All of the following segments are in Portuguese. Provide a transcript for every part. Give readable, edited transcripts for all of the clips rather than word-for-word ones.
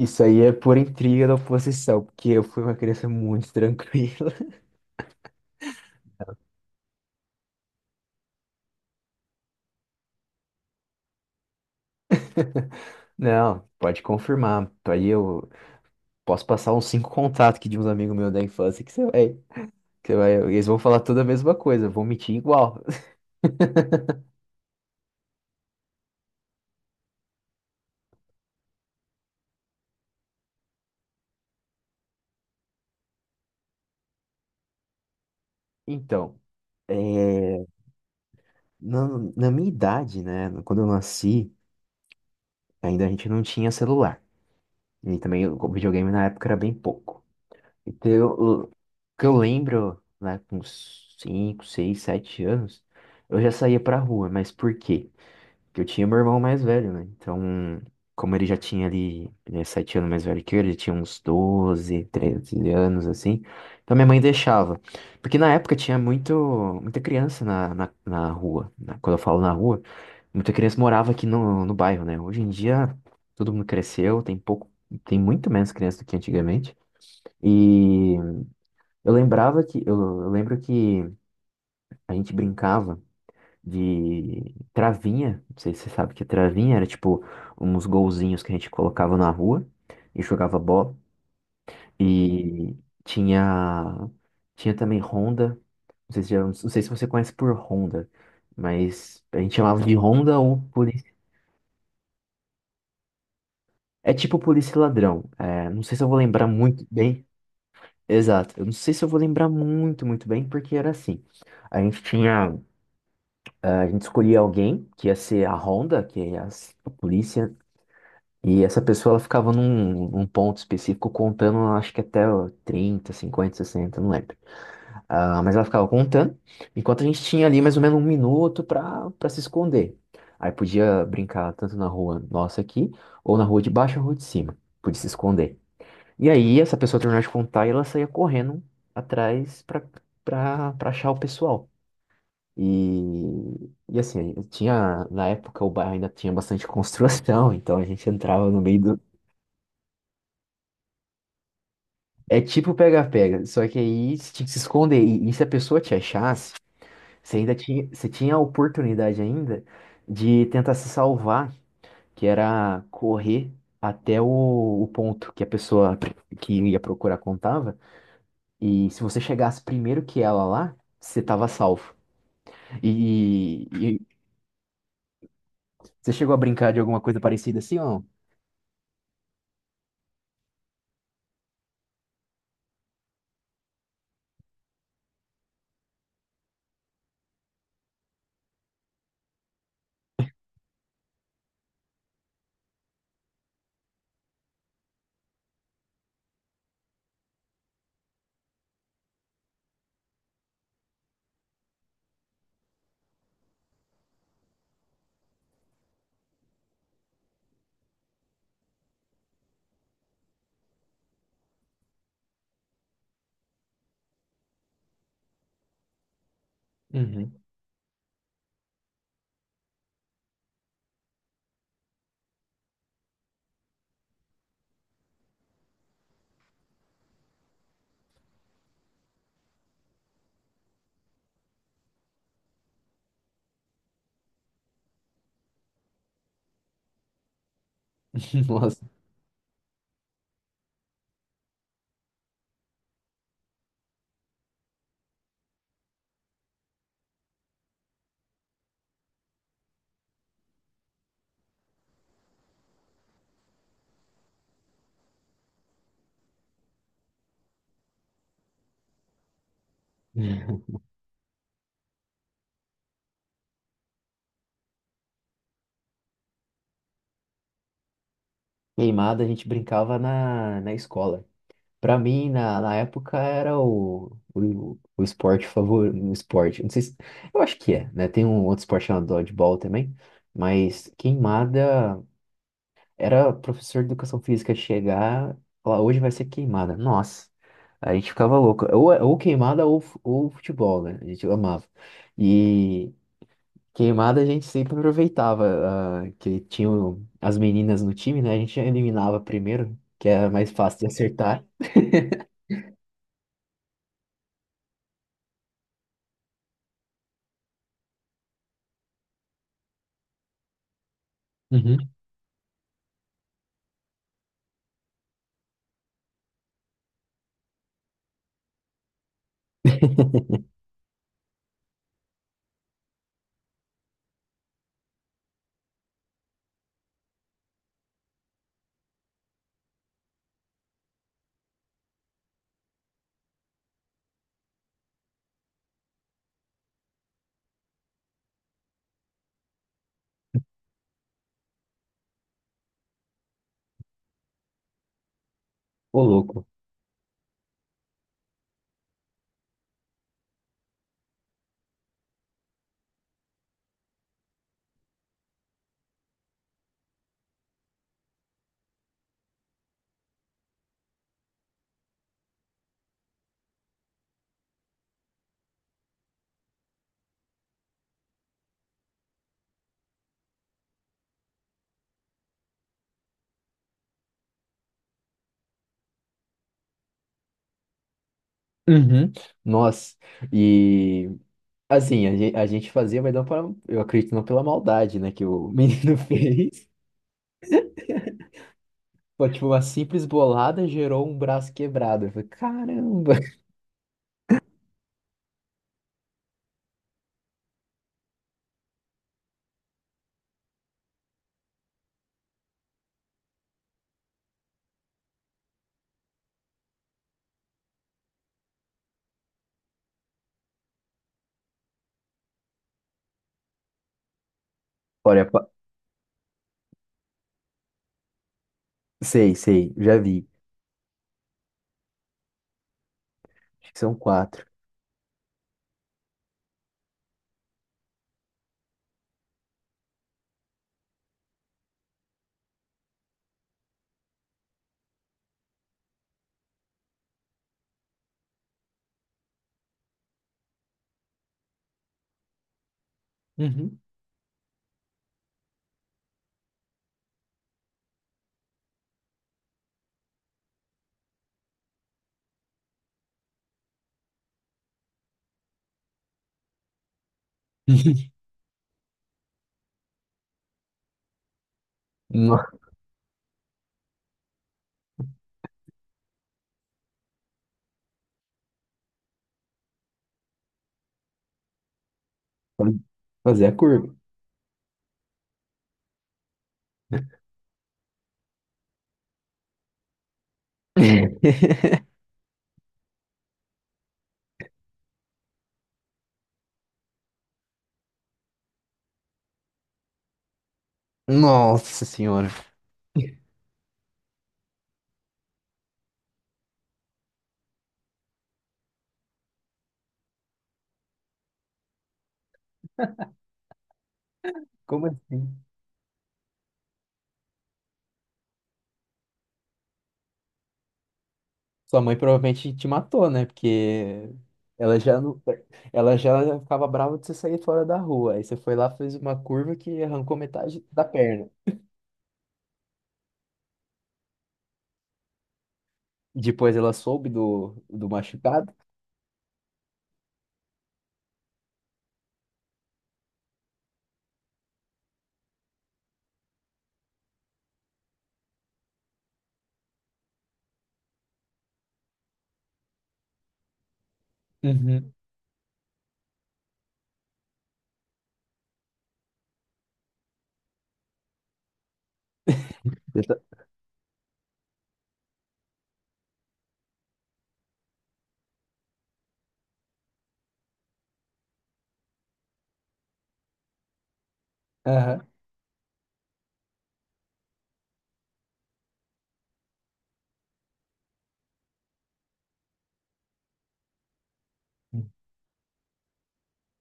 Isso aí é por intriga da oposição, porque eu fui uma criança muito tranquila. Não, pode confirmar. Aí eu posso passar uns cinco contatos aqui de uns amigos meus da infância que você vai, eles vão falar toda a mesma coisa, vão mentir igual. Então, é, na, na minha idade, né, quando eu nasci, ainda a gente não tinha celular. E também o videogame na época era bem pouco. Então, eu- o que eu lembro, lá com uns 5, 6, 7 anos, eu já saía pra rua, mas por quê? Porque eu tinha meu irmão mais velho, né? Então, como ele já tinha ali, ele é 7 anos mais velho que eu, ele tinha uns 12 13 anos, assim. Então, minha mãe deixava. Porque na época tinha muita criança na rua, né? Quando eu falo na rua, muita criança morava aqui no bairro, né? Hoje em dia, todo mundo cresceu, tem muito menos criança do que antigamente. E. Eu lembrava que, eu, eu lembro que a gente brincava de travinha, não sei se você sabe o que é travinha, era tipo uns golzinhos que a gente colocava na rua e jogava bola. E tinha, tinha também ronda, não sei se você conhece por ronda, mas a gente chamava de ronda ou polícia. É tipo polícia e ladrão, é, não sei se eu vou lembrar muito bem, exato, eu não sei se eu vou lembrar muito bem, porque era assim, a gente tinha A gente escolhia alguém que ia ser a ronda, que é a polícia, e essa pessoa ela ficava num ponto específico contando, acho que até ó, 30, 50, 60, não lembro. Ah, mas ela ficava contando, enquanto a gente tinha ali mais ou menos 1 minuto para se esconder. Aí podia brincar tanto na rua nossa aqui, ou na rua de baixo ou na rua de cima, podia se esconder. E aí essa pessoa terminava de contar e ela saía correndo atrás para achar o pessoal. E assim, tinha, na época o bairro ainda tinha bastante construção, então a gente entrava no meio do. É tipo pega-pega, só que aí você tinha que se esconder. E se a pessoa te achasse, você tinha a oportunidade ainda de tentar se salvar, que era correr até o ponto que a pessoa que ia procurar contava. E se você chegasse primeiro que ela lá, você tava salvo. E você chegou a brincar de alguma coisa parecida assim, ou não? Nossa, queimada a gente brincava na escola. Pra mim, na época, era o esporte favorito. O esporte, não sei se. Eu acho que é, né? Tem um outro esporte chamado dodgeball também. Mas queimada era professor de educação física chegar e falar: hoje vai ser queimada. Nossa, a gente ficava louco. Ou queimada ou futebol, né? A gente amava. E. Queimada a gente sempre aproveitava, ah, que tinham as meninas no time, né? A gente eliminava primeiro, que era mais fácil de acertar. Uhum. Ô, louco. Uhum. Nossa, e assim, a gente fazia, mas não para, eu acredito, não pela maldade, né, que o menino fez. Foi tipo, uma simples bolada gerou um braço quebrado. Eu falei, caramba. Olha, pa- Sei, sei, já vi. Acho que são quatro. Uhum. Nossa, fazer a curva. Nossa senhora. Como assim? Sua mãe provavelmente te matou, né? Porque ela já não, ela já ficava brava de você sair fora da rua. Aí você foi lá, fez uma curva que arrancou metade da perna. E depois ela soube do machucado. Uhum. Você tá- Aham.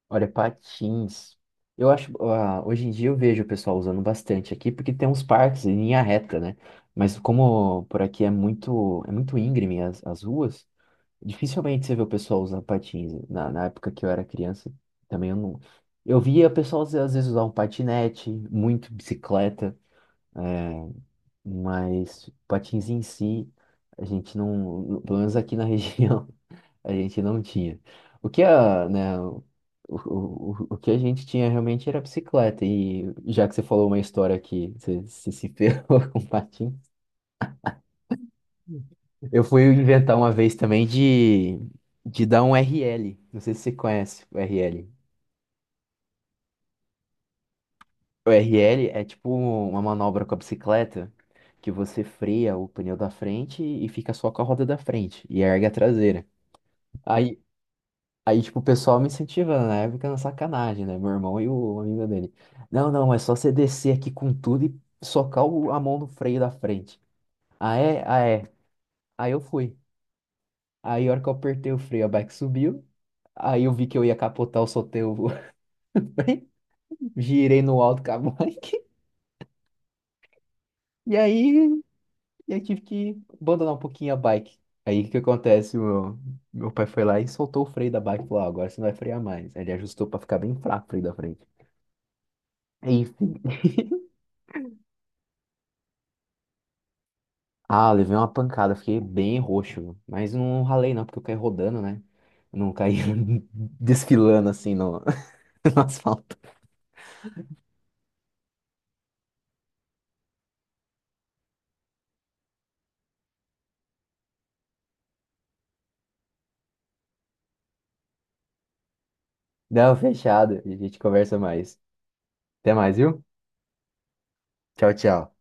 Olha, patins. Eu acho, ah, hoje em dia eu vejo o pessoal usando bastante aqui, porque tem uns parques em linha reta, né? Mas como por aqui é muito íngreme as ruas, dificilmente você vê o pessoal usar patins, né? Na época que eu era criança, também eu não. Eu via o pessoal às vezes usar um patinete, muito bicicleta, é, mas patins em si, a gente não. Pelo menos aqui na região, a gente não tinha. O que a, né, o que a gente tinha realmente era bicicleta. E já que você falou uma história que se se ferrou com patins. Eu fui inventar uma vez também de dar um RL. Não sei se você conhece o RL. O RL é tipo uma manobra com a bicicleta que você freia o pneu da frente e fica só com a roda da frente e ergue a traseira. Aí, aí tipo, o pessoal me incentivando, né, fica na sacanagem, né? Meu irmão e o amigo dele. Não, não, é só você descer aqui com tudo e socar a mão no freio da frente. Ah, é? Ah, é. Aí eu fui. Aí, a hora que eu apertei o freio, a bike subiu. Aí eu vi que eu ia capotar, eu soltei o bem, girei no alto com a bike. E aí eu tive que abandonar um pouquinho a bike. Aí o que que acontece? Meu pai foi lá e soltou o freio da bike e falou: "Ah, agora você não vai frear mais." Aí ele ajustou pra ficar bem fraco o freio da frente. Enfim. Ah, eu levei uma pancada, fiquei bem roxo. Mas não ralei não, porque eu caí rodando, né? Eu não caí desfilando assim no, no asfalto. Não, fechado. A gente conversa mais. Até mais, viu? Tchau, tchau.